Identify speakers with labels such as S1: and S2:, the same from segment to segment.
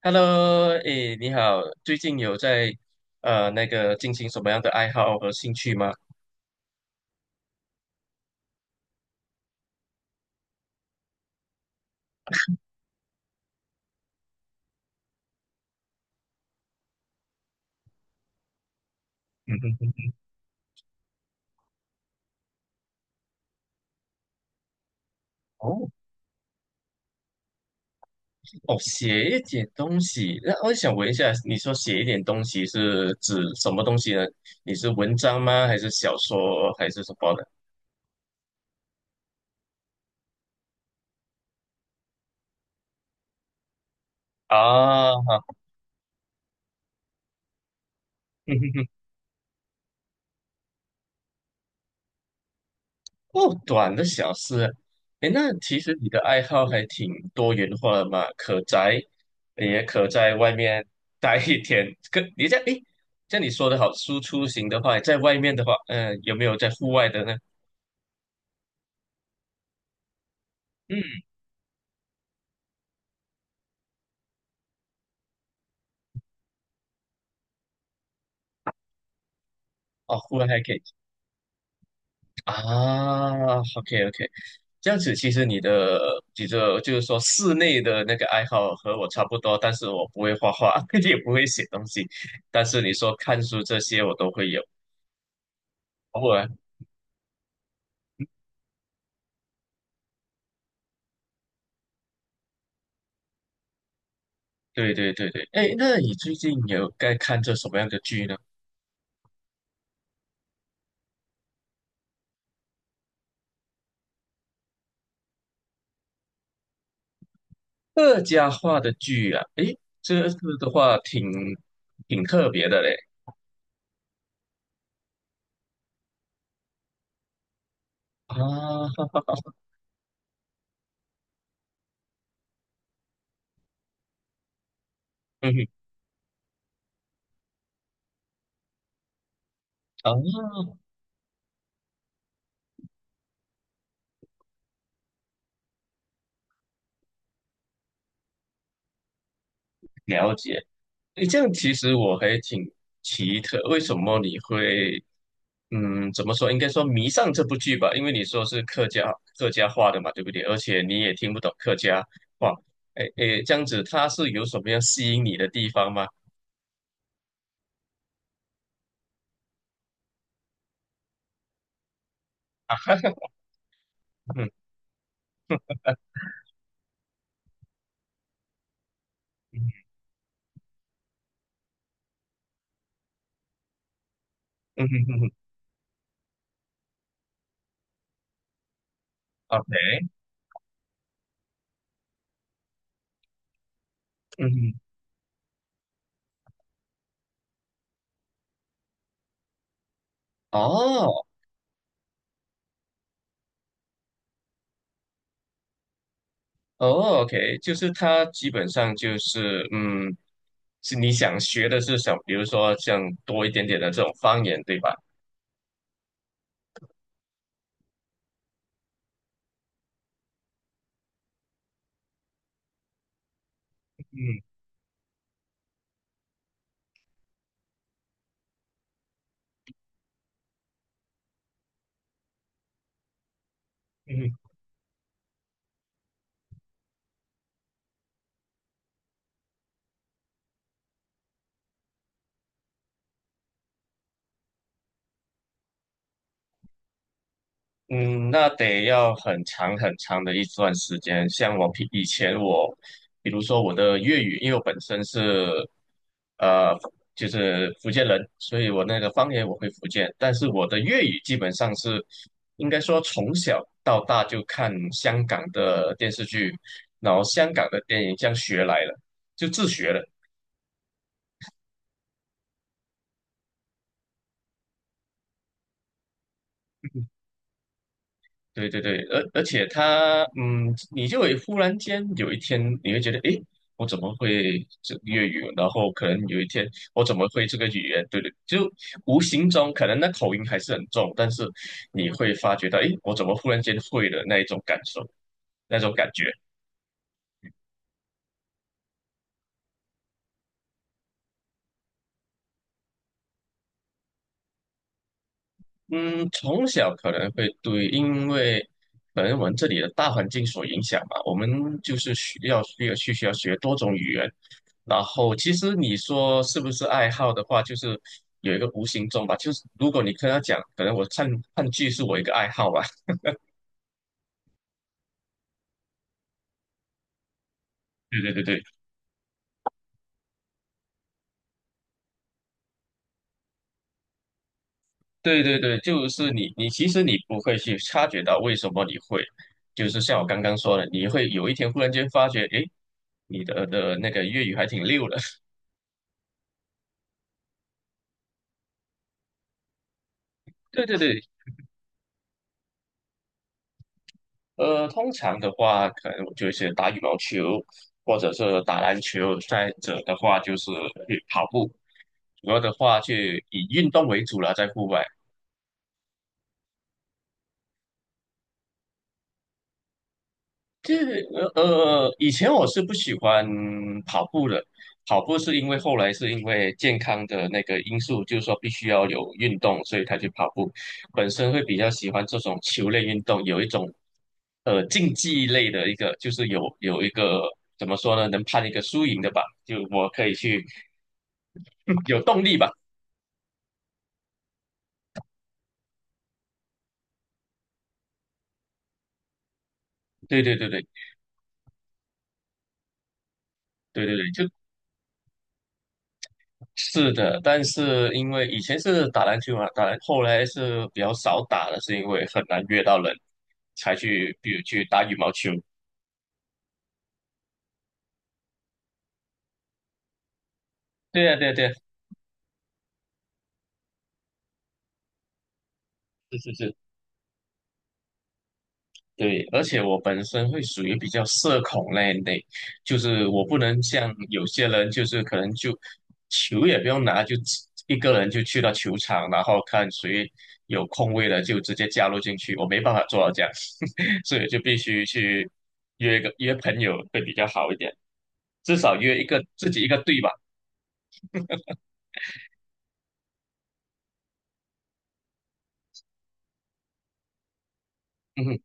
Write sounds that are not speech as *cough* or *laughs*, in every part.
S1: Hello，诶，你好，最近有在进行什么样的爱好和兴趣吗？*laughs* 嗯哼哼，哦哦，写一点东西。那我想问一下，你说写一点东西是指什么东西呢？你是文章吗？还是小说？还是什么的？啊，好，*laughs* 哦，短的小事啊，诶，那其实你的爱好还挺多元化的嘛，可宅，也可在外面待一天。可你这样，诶，像你说的好，输出型的话，在外面的话，有没有在户外的呢？嗯，哦，户外还可以啊，OK OK，这样子其实你的就是说室内的那个爱好和我差不多，但是我不会画画，*laughs* 也不会写东西，但是你说看书这些我都会有。偶尔，对对对对，哎，那你最近有在看这什么样的剧呢？客家话的剧啊，哎，这个的话挺特别的嘞啊，嗯哼，哦，了解。哎，这样其实我还挺奇特，为什么你会嗯，怎么说？应该说迷上这部剧吧，因为你说是客家话的嘛，对不对？而且你也听不懂客家话，哎哎，这样子它是有什么样吸引你的地方吗？*laughs* 啊哈哈，嗯嗯嗯嗯嗯。OK，嗯哼，哦哦，OK，就是它基本上就是嗯，是你想学的是想，比如说像多一点点的这种方言，对吧？嗯嗯嗯，那得要很长很长的一段时间。像我平以前我，比如说我的粤语，因为我本身是呃就是福建人，所以我那个方言我会福建，但是我的粤语基本上是应该说从小到大就看香港的电视剧，然后香港的电影这样学来了，就自学了。对对对，而且他，嗯，你就会忽然间有一天，你会觉得，诶，我怎么会这粤语？然后可能有一天，我怎么会这个语言？对对，就无形中可能那口音还是很重，但是你会发觉到，诶，我怎么忽然间会了那一种感受，那种感觉。嗯，从小可能会对，因为可能我们这里的大环境所影响嘛，我们就是需要学多种语言。然后，其实你说是不是爱好的话，就是有一个无形中吧。就是如果你跟他讲，可能我看剧是我一个爱好吧。*laughs* 对对对对对对对，就是你其实你不会去察觉到为什么你会，就是像我刚刚说的，你会有一天忽然间发觉，诶，你的那个粤语还挺溜的。*laughs* 对对对，呃，通常的话，可能我就是打羽毛球，或者是打篮球，再者的话就是去跑步。主要的话就以运动为主了，在户外。这以前我是不喜欢跑步的，跑步是因为后来是因为健康的那个因素，就是说必须要有运动，所以才去跑步。本身会比较喜欢这种球类运动，有一种竞技类的一个，就是有一个怎么说呢，能判一个输赢的吧，就我可以去 *laughs* 有动力吧。对对对对对对对，就是的，但是因为以前是打篮球嘛，后来是比较少打了，是因为很难约到人，才去比如去打羽毛球。对呀，对呀，对呀，是是是。对，而且我本身会属于比较社恐那一类，就是我不能像有些人，就是可能就球也不用拿，就自一个人就去到球场，然后看谁有空位了就直接加入进去，我没办法做到这样，*laughs* 所以就必须去约朋友会比较好一点，至少约一个自己一个队吧。嗯哼，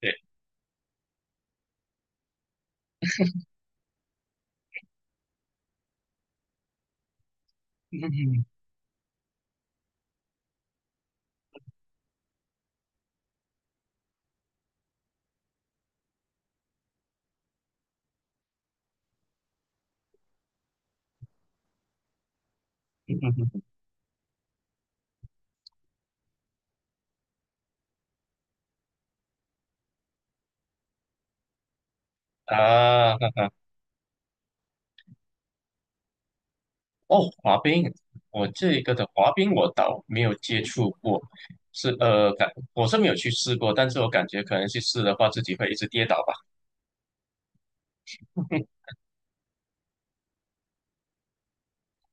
S1: 对，*laughs* 啊。哦，滑冰，我这个的滑冰我倒没有接触过，是呃感我是没有去试过，但是我感觉可能去试的话，自己会一直跌倒吧。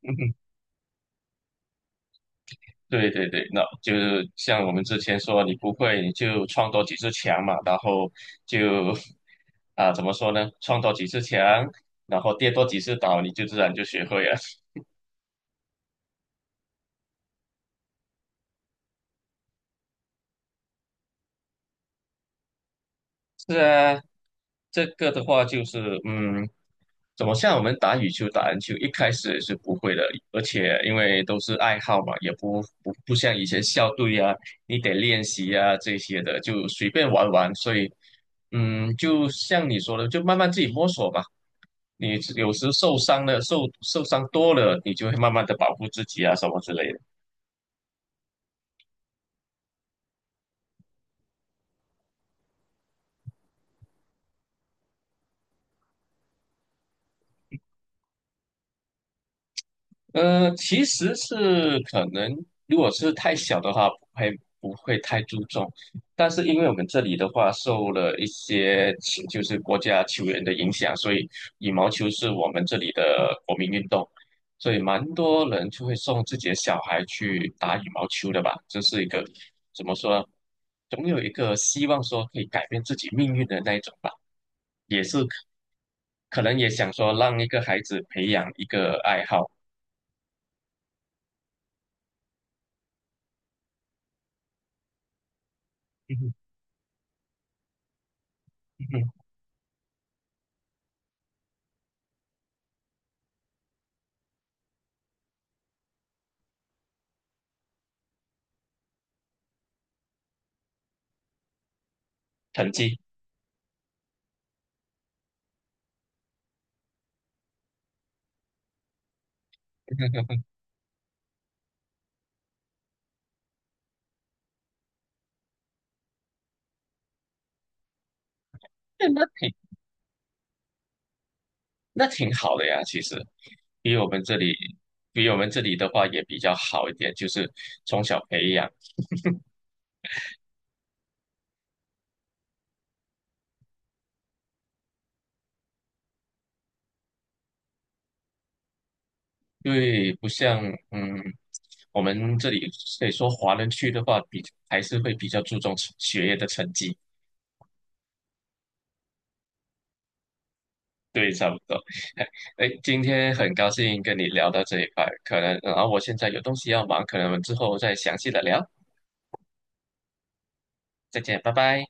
S1: *laughs* 对对对，那就是像我们之前说，你不会你就创多几次墙嘛，然后就 *laughs* 啊，怎么说呢，创多几次墙，然后跌多几次倒，你就自然就学会了。是啊，这个的话就是，嗯，怎么像我们打羽球、打篮球，一开始也是不会的，而且因为都是爱好嘛，也不像以前校队啊，你得练习啊这些的，就随便玩玩。所以，嗯，就像你说的，就慢慢自己摸索吧。你有时受伤了，受伤多了，你就会慢慢的保护自己啊，什么之类的。其实是可能，如果是太小的话，不会太注重。但是因为我们这里的话，受了一些球就是国家球员的影响，所以羽毛球是我们这里的国民运动，所以蛮多人就会送自己的小孩去打羽毛球的吧。这是一个怎么说呢？总有一个希望说可以改变自己命运的那一种吧，也是可能也想说让一个孩子培养一个爱好，*laughs* 嗯哼哼哼，成绩。*laughs* 那挺那挺好的呀，其实比我们这里比我们这里的话也比较好一点，就是从小培养，因为不像嗯我们这里可以说华人区的话还是会比较注重成学业的成绩，对，差不多。*laughs* 哎，今天很高兴跟你聊到这一块，可能然后我现在有东西要忙，可能我们之后再详细的聊，再见，拜拜。